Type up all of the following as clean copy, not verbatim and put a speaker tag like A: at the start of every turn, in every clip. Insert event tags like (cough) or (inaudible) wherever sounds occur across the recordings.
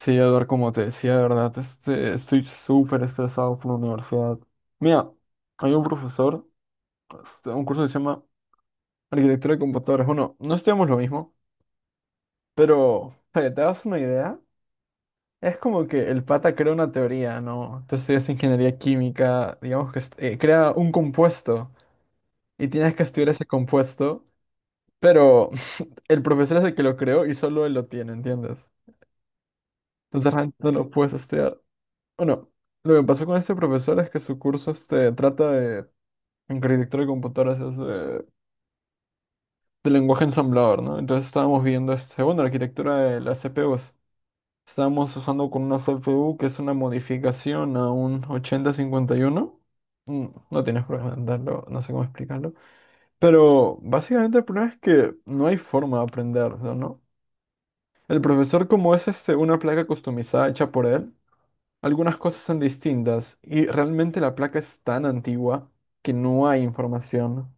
A: Sí, Eduardo, como te decía, de verdad, estoy súper estresado por la universidad. Mira, hay un profesor, un curso que se llama Arquitectura de Computadoras. Bueno, no estudiamos lo mismo, pero para que te das una idea, es como que el pata crea una teoría, ¿no? Tú estudias ingeniería química, digamos que crea un compuesto y tienes que estudiar ese compuesto, pero (laughs) el profesor es el que lo creó y solo él lo tiene, ¿entiendes? Entonces realmente no lo puedes estudiar. Bueno, lo que pasó con este profesor es que su curso, trata de, en arquitectura de computadoras, es de lenguaje ensamblador, ¿no? Entonces estábamos viendo, bueno, la arquitectura de las CPUs. Estábamos usando con una CPU que es una modificación a un 8051. Mm, No tienes por qué entenderlo, no sé cómo explicarlo. Pero básicamente el problema es que no hay forma de aprender, ¿no? El profesor, como es, una placa customizada hecha por él, algunas cosas son distintas y realmente la placa es tan antigua que no hay información.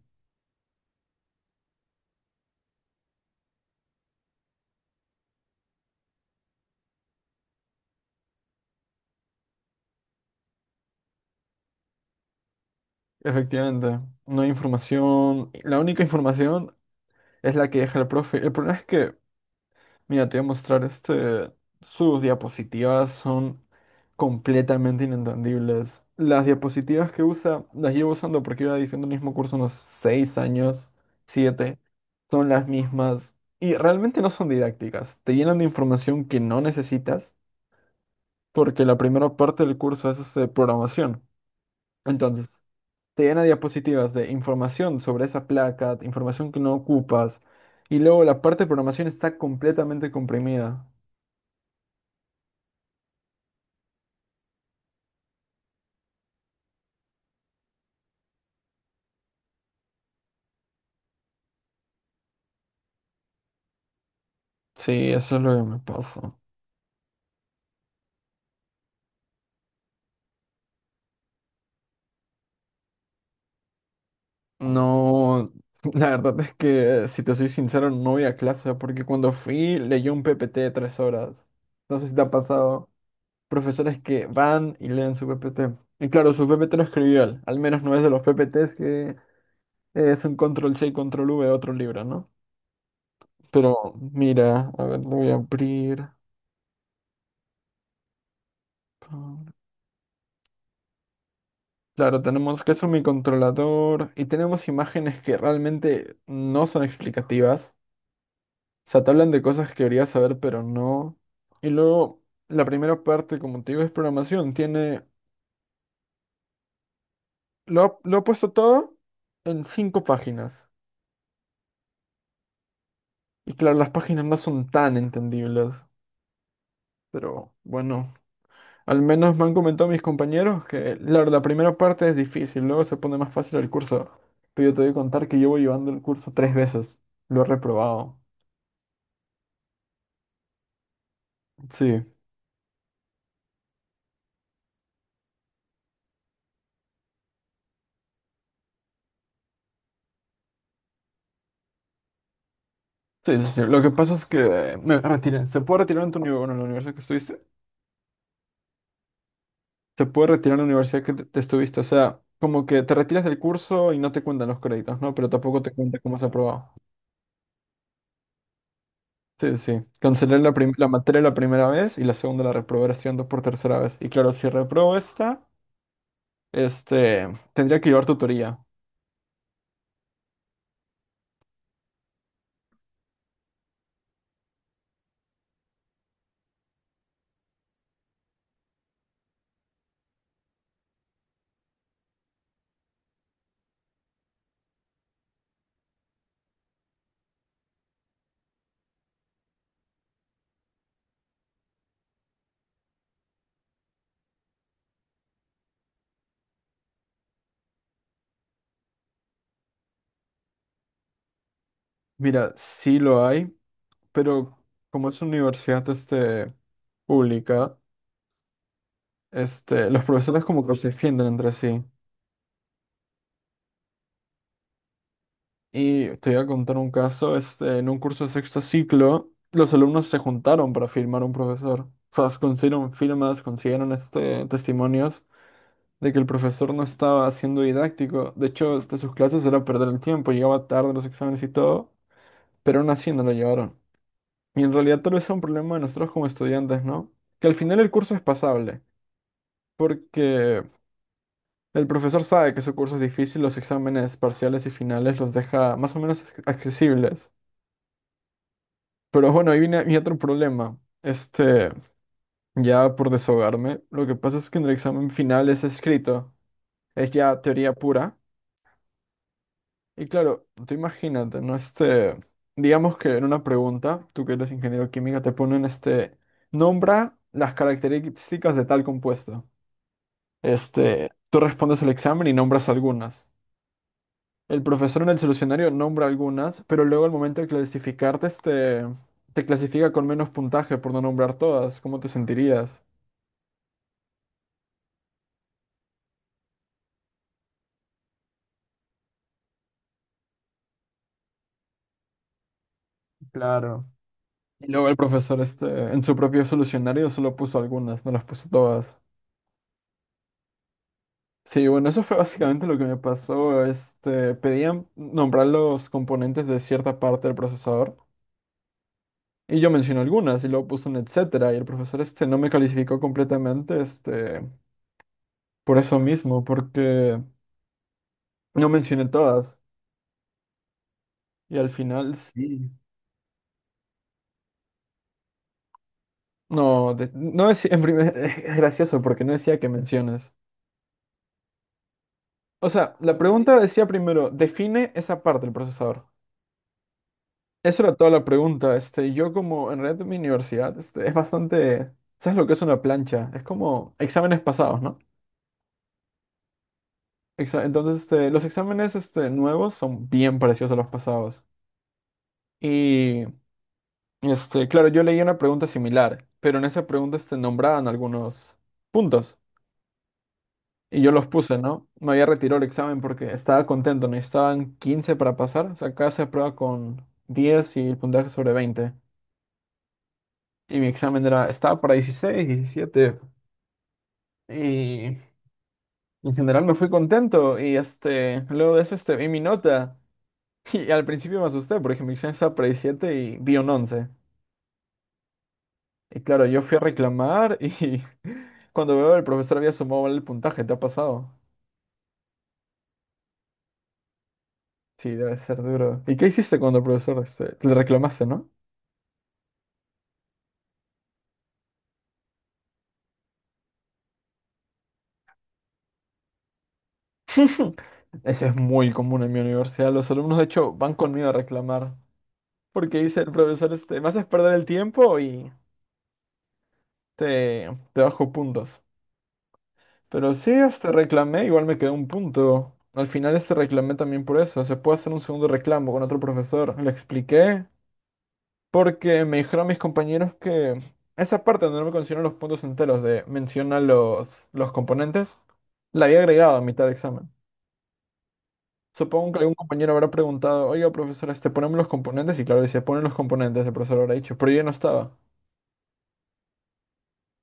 A: Efectivamente, no hay información. La única información es la que deja el profe. El problema es que, mira, te voy a mostrar este. Sus diapositivas son completamente inentendibles. Las diapositivas que usa, las llevo usando porque iba diciendo el mismo curso unos 6 años, siete. Son las mismas y realmente no son didácticas. Te llenan de información que no necesitas porque la primera parte del curso es, programación. Entonces, te llena diapositivas de información sobre esa placa, información que no ocupas, y luego la parte de programación está completamente comprimida. Sí, eso es lo que me pasa. No, (laughs) la verdad es que, si te soy sincero, no voy a clase, porque cuando fui leí un PPT de tres horas. No sé si te ha pasado. Profesores que van y leen su PPT. Y claro, su PPT lo escribió trivial, al menos no es de los PPTs que... Es un control C y control V, otro libro, ¿no? Pero mira, a ver, lo voy a abrir. Con- Claro, tenemos que es un microcontrolador y tenemos imágenes que realmente no son explicativas. O sea, te hablan de cosas que deberías saber, pero no. Y luego, la primera parte, como te digo, es programación. Tiene. Lo he puesto todo en cinco páginas. Y claro, las páginas no son tan entendibles. Pero bueno. Al menos me han comentado mis compañeros que la primera parte es difícil, luego se pone más fácil el curso. Pero yo te voy a contar que llevo llevando el curso tres veces. Lo he reprobado. Sí, sí, sí. Sí. Lo que pasa es que, me retiré. ¿Se puede retirar en tu universidad, bueno, en la universidad que estuviste? Se puede retirar en la universidad que te estuviste. O sea, como que te retiras del curso y no te cuentan los créditos, ¿no? Pero tampoco te cuenta cómo has aprobado. Sí, sí. Sí. Cancelé la, la materia la primera vez y la segunda la reprobé estudiando por tercera vez. Y claro, si reprobo esta... tendría que llevar tutoría. Mira, sí lo hay, pero como es una universidad, pública, los profesores como que se defienden entre sí. Y te voy a contar un caso, en un curso de sexto ciclo, los alumnos se juntaron para firmar a un profesor. O sea, consiguieron firmas, consiguieron, testimonios de que el profesor no estaba siendo didáctico. De hecho, hasta sus clases era perder el tiempo, llegaba tarde a los exámenes y todo, pero aún así no lo llevaron. Y en realidad tal vez sea un problema de nosotros como estudiantes, ¿no? Que al final el curso es pasable, porque el profesor sabe que su curso es difícil, los exámenes parciales y finales los deja más o menos accesibles. Pero bueno, ahí viene mi otro problema. Este, ya por desahogarme, lo que pasa es que en el examen final es escrito, es ya teoría pura. Y claro, tú imagínate, ¿no? Digamos que en una pregunta, tú que eres ingeniero química, te ponen, nombra las características de tal compuesto. Tú respondes el examen y nombras algunas. El profesor en el solucionario nombra algunas, pero luego al momento de clasificarte, te clasifica con menos puntaje por no nombrar todas. ¿Cómo te sentirías? Claro. Y luego el profesor, en su propio solucionario solo puso algunas, no las puso todas. Sí, bueno, eso fue básicamente lo que me pasó. Pedían nombrar los componentes de cierta parte del procesador y yo mencioné algunas y luego puse un etcétera y el profesor no me calificó completamente, por eso mismo, porque no mencioné todas y al final, sí. No decía en primer... (laughs) Es gracioso porque no decía que menciones. O sea, la pregunta decía primero, define esa parte del procesador. Eso era toda la pregunta. Yo, como en realidad en mi universidad, es bastante... ¿Sabes lo que es una plancha? Es como exámenes pasados, ¿no? Entonces, los exámenes, nuevos son bien parecidos a los pasados. Y, claro, yo leí una pregunta similar, pero en esa pregunta, nombraban algunos puntos. Y yo los puse, ¿no? Me había retirado el examen porque estaba contento. Necesitaban 15 para pasar. O sea, acá se aprueba con 10 y el puntaje sobre veinte. Y mi examen era, estaba para 16, 17. Y en general me fui contento y, luego de eso, vi mi nota (laughs) y al principio me asusté porque mi examen estaba para 17 y vi un once. Y claro, yo fui a reclamar y (laughs) cuando veo, el profesor había sumado mal el puntaje, ¿te ha pasado? Sí, debe ser duro. ¿Y qué hiciste cuando el profesor, le reclamaste, no? (laughs) Eso es muy común en mi universidad. Los alumnos, de hecho, van conmigo a reclamar. Porque dice el profesor, me haces perder el tiempo y te, te bajo puntos. Pero sí, reclamé, igual me quedó un punto. Al final reclamé también por eso. Se puede hacer un segundo reclamo con otro profesor. Le expliqué, porque me dijeron mis compañeros que esa parte donde no me considero los puntos enteros de menciona los componentes, la había agregado a mitad del examen. Supongo que algún compañero habrá preguntado, oiga, profesor, ponemos los componentes. Y claro, decía, ponen los componentes, el profesor habrá dicho, pero yo ya no estaba.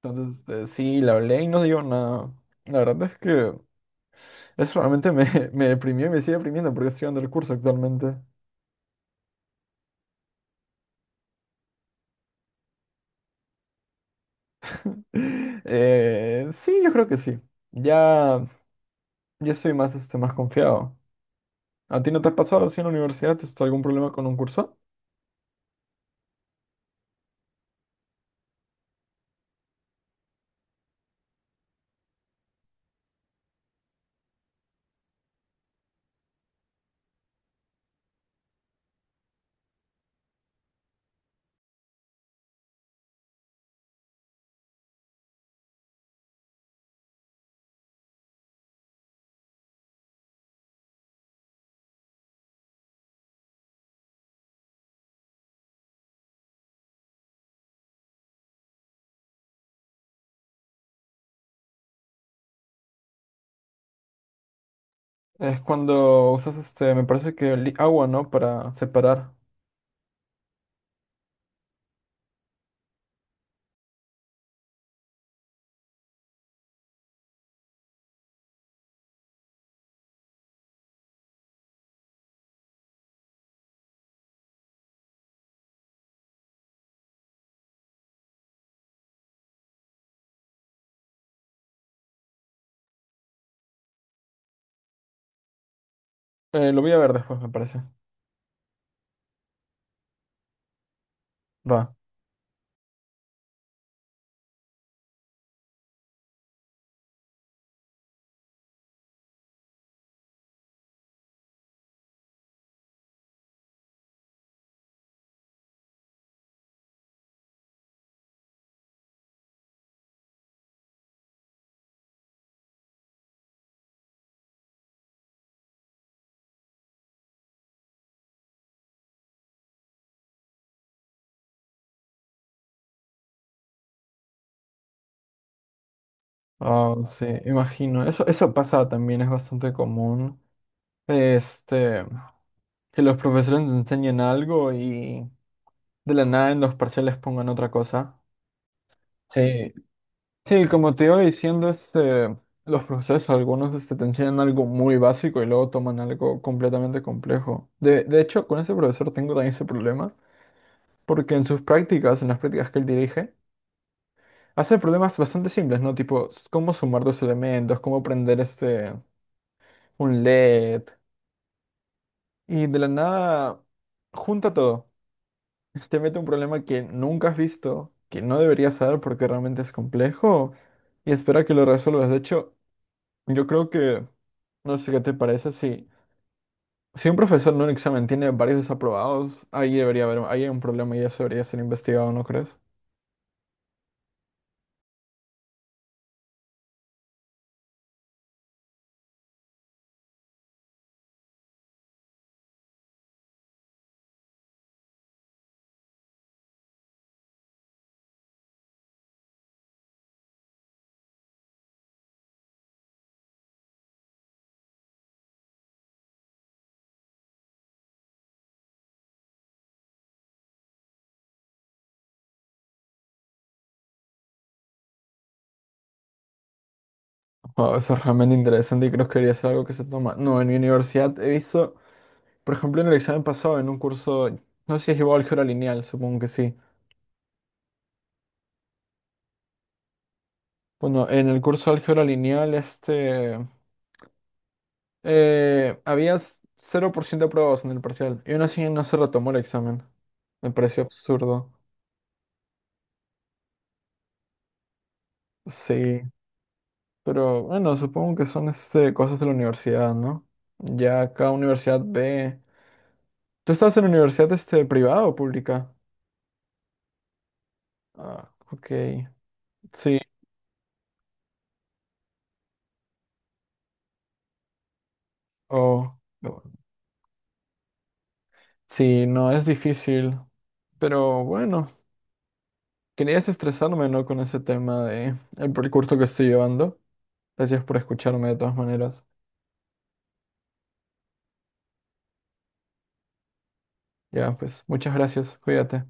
A: Entonces, sí, la hablé y no digo nada. La verdad es que eso realmente me, (laughs) me deprimió y me sigue deprimiendo porque estoy dando el curso actualmente. (laughs) Sí, yo creo que sí. Ya, ya estoy más, más confiado. ¿A ti no te has pasado así en la universidad? ¿Tienes algún problema con un curso? Es cuando usas, me parece que agua, ¿no? Para separar. Lo voy a ver después, me parece. Va. Ah, sí, imagino. Eso pasa también, es bastante común. Este, que los profesores nos enseñen algo y de la nada en los parciales pongan otra cosa. Sí, sí, como te iba diciendo, los procesos, algunos te enseñan algo muy básico y luego toman algo completamente complejo. De hecho, con ese profesor tengo también ese problema, porque en sus prácticas, en las prácticas que él dirige, hace problemas bastante simples, ¿no? Tipo, cómo sumar dos elementos, cómo prender, un LED, y de la nada junta todo. (laughs) Te mete un problema que nunca has visto, que no deberías saber porque realmente es complejo, y espera que lo resuelvas. De hecho, yo creo que, no sé qué te parece, si un profesor en un examen tiene varios desaprobados, ahí debería haber, ahí hay un problema y eso debería ser investigado, ¿no crees? Wao, eso es realmente interesante y creo que debería ser algo que se toma. No, en mi universidad he visto, por ejemplo, en el examen pasado, en un curso, no sé si es igual álgebra lineal, supongo que sí. Bueno, en el curso de álgebra lineal, había 0% de aprobados en el parcial y aún así no se retomó el examen. Me pareció absurdo. Sí. Pero bueno, supongo que son, cosas de la universidad, ¿no? Ya cada universidad ve. ¿Tú estás en universidad, privada o pública? Ah, ok. Sí, o. Sí, no, es difícil. Pero bueno, quería desestresarme, ¿no? Con ese tema de el percurso que estoy llevando. Gracias por escucharme de todas maneras. Ya, pues, muchas gracias. Cuídate.